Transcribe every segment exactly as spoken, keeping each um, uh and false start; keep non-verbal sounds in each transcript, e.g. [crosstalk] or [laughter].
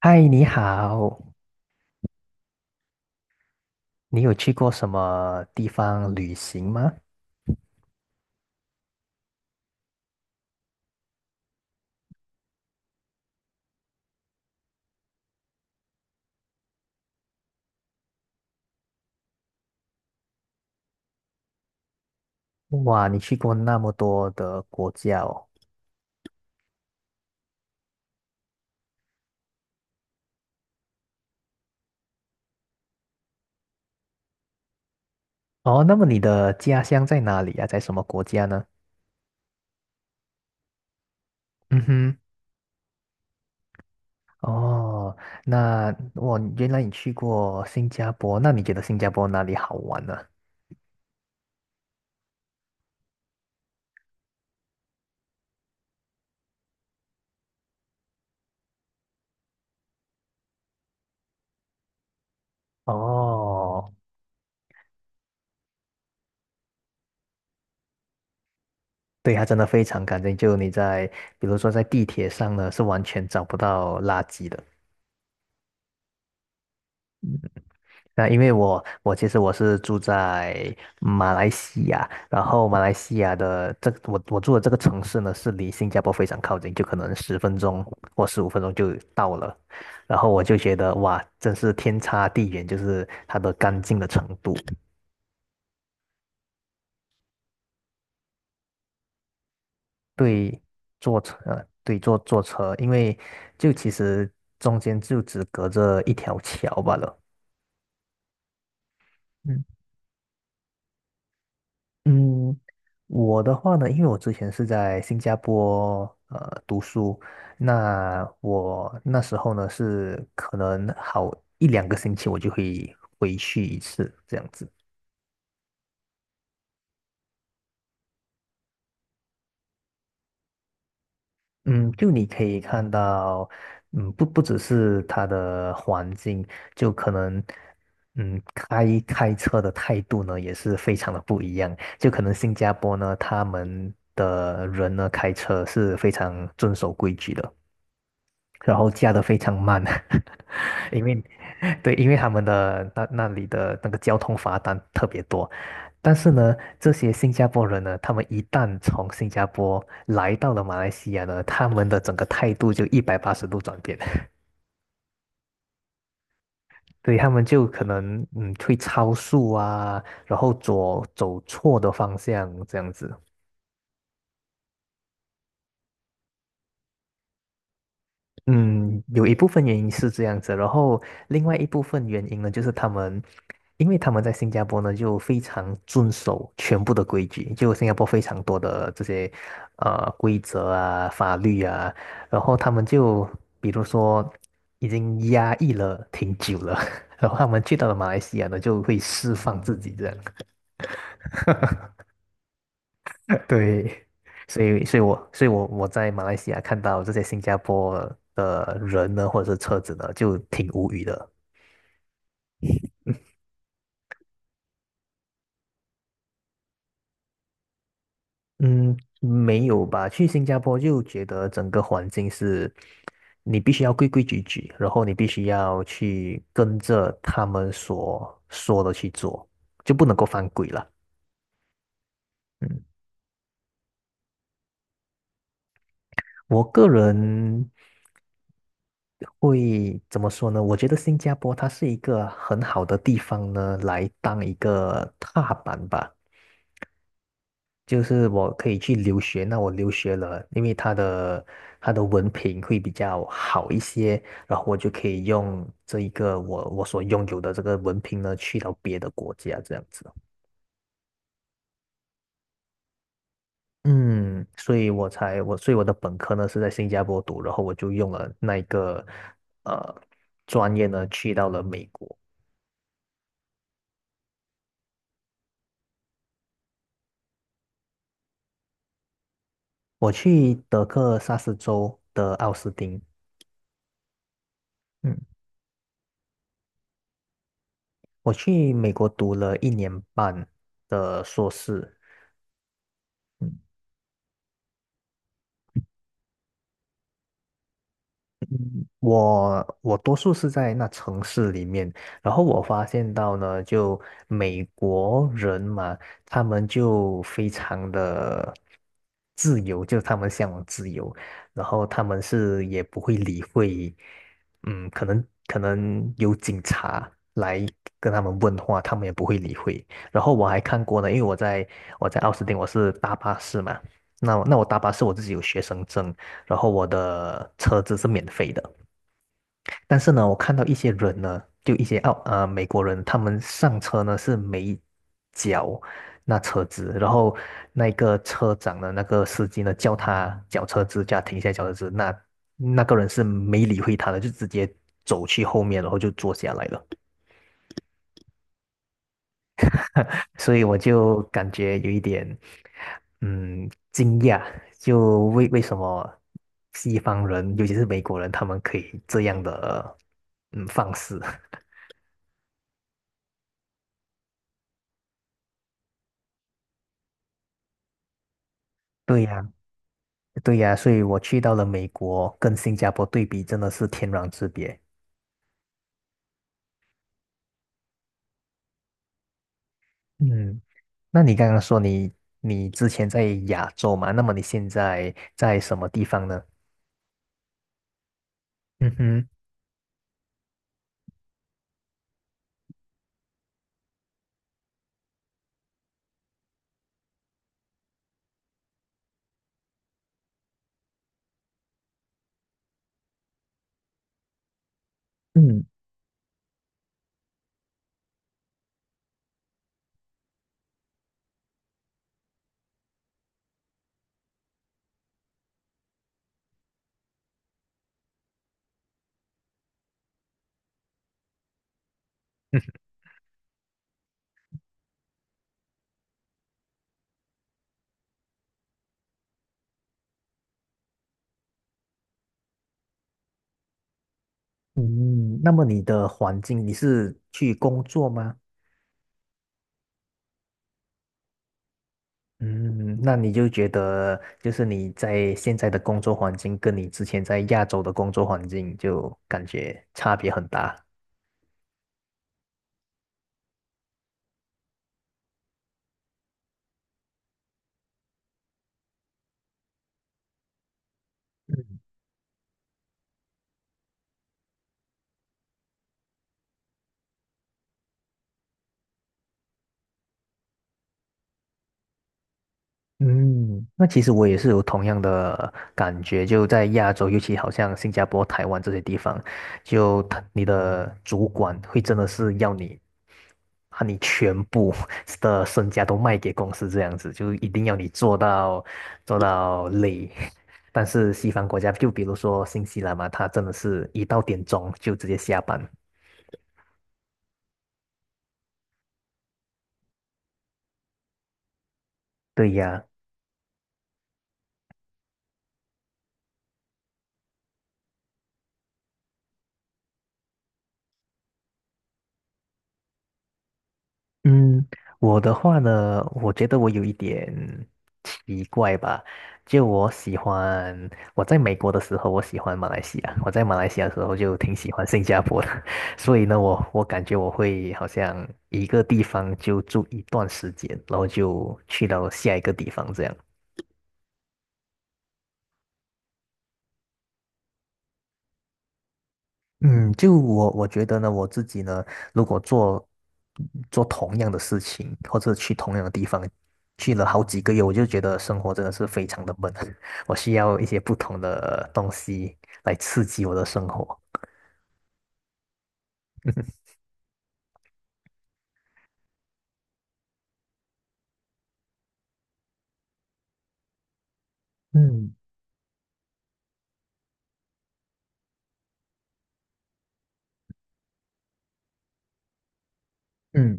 嗨，你好，你有去过什么地方旅行吗？哇，你去过那么多的国家哦。哦，那么你的家乡在哪里啊？在什么国家呢？嗯哼，哦，那我原来你去过新加坡，那你觉得新加坡哪里好玩呢？哦，对，它真的非常干净，就你在，比如说在地铁上呢，是完全找不到垃圾的。那因为我我其实我是住在马来西亚，然后马来西亚的这个我我住的这个城市呢，是离新加坡非常靠近，就可能十分钟或十五分钟就到了。然后我就觉得哇，真是天差地远，就是它的干净的程度。对，坐车，呃对，坐坐车，因为就其实中间就只隔着一条桥罢了。嗯嗯，我的话呢，因为我之前是在新加坡呃读书，那我那时候呢是可能好一两个星期我就会回去一次这样子。嗯，就你可以看到，嗯，不不只是他的环境，就可能，嗯，开开车的态度呢也是非常的不一样。就可能新加坡呢，他们的人呢开车是非常遵守规矩的。然后驾的非常慢，[laughs] 因为对，因为他们的那那里的那个交通罚单特别多。但是呢，这些新加坡人呢，他们一旦从新加坡来到了马来西亚呢，他们的整个态度就一百八十度转变，[laughs] 对，他们就可能嗯会超速啊，然后左走错的方向这样子。嗯，有一部分原因是这样子，然后另外一部分原因呢，就是他们，因为他们在新加坡呢就非常遵守全部的规矩，就新加坡非常多的这些呃规则啊、法律啊，然后他们就比如说已经压抑了挺久了，[laughs] 然后他们去到了马来西亚呢就会释放自己这样，[laughs] 对，所以所以我所以我我在马来西亚看到这些新加坡的人呢或者是车子呢就挺无语的。嗯，没有吧？去新加坡就觉得整个环境是，你必须要规规矩矩，然后你必须要去跟着他们所说的去做，就不能够犯规了。嗯，我个人会怎么说呢？我觉得新加坡它是一个很好的地方呢，来当一个踏板吧。就是我可以去留学，那我留学了，因为他的他的文凭会比较好一些，然后我就可以用这一个我我所拥有的这个文凭呢，去到别的国家这样子。嗯，所以我才我所以我的本科呢是在新加坡读，然后我就用了那一个呃专业呢去到了美国，我去德克萨斯州的奥斯汀，嗯，我去美国读了一年半的硕士。嗯我我多数是在那城市里面，然后我发现到呢，就美国人嘛，他们就非常的自由，就他们向往自由，然后他们是也不会理会，嗯，可能可能有警察来跟他们问话，他们也不会理会。然后我还看过呢，因为我在我在奥斯汀，我是搭巴士嘛，那那我搭巴士我自己有学生证。然后我的车子是免费的。但是呢，我看到一些人呢，就一些澳呃美国人，他们上车呢是没脚那车子，然后那个车长的那个司机呢叫他脚车资，叫他停下来缴车子，那那个人是没理会他的，就直接走去后面，然后就坐下来了，[laughs] 所以我就感觉有一点嗯惊讶，就为为什么西方人，尤其是美国人，他们可以这样的嗯放肆。[laughs] 对呀，对呀，所以我去到了美国，跟新加坡对比真的是天壤之别。嗯，那你刚刚说你你之前在亚洲嘛，那么你现在在什么地方呢？嗯哼，嗯嗯嗯，那么你的环境，你是去工作吗？嗯，那你就觉得就是你在现在的工作环境跟你之前在亚洲的工作环境就感觉差别很大。嗯，那其实我也是有同样的感觉，就在亚洲，尤其好像新加坡、台湾这些地方，就他你的主管会真的是要你，把你全部 [laughs] 的身家都卖给公司这样子，就一定要你做到做到累。[laughs] 但是西方国家，就比如说新西兰嘛，他真的是一到点钟就直接下班。对呀，嗯，我的话呢，我觉得我有一点奇怪吧。就我喜欢，我在美国的时候，我喜欢马来西亚；我在马来西亚的时候，就挺喜欢新加坡的。[laughs] 所以呢，我我感觉我会好像一个地方就住一段时间，然后就去到下一个地方这样。嗯，就我我觉得呢，我自己呢，如果做做同样的事情，或者去同样的地方，去了好几个月，我就觉得生活真的是非常的闷，[laughs] 我需要一些不同的东西来刺激我的生活。嗯嗯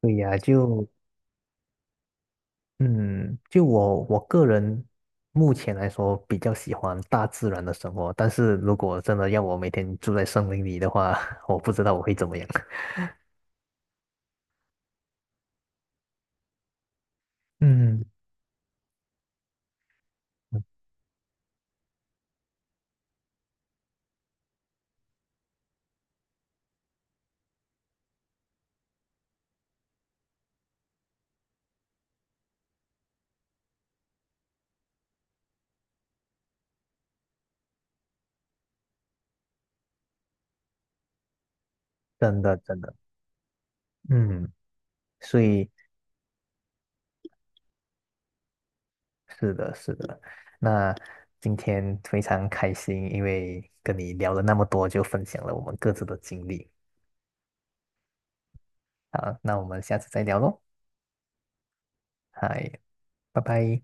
对呀，就嗯，就我我个人目前来说比较喜欢大自然的生活，但是如果真的要我每天住在森林里的话，[laughs] 我不知道我会怎么样。[laughs] 嗯，真的，真的，嗯。所以是的，是的。那今天非常开心，因为跟你聊了那么多，就分享了我们各自的经历。好，那我们下次再聊喽。嗨，拜拜。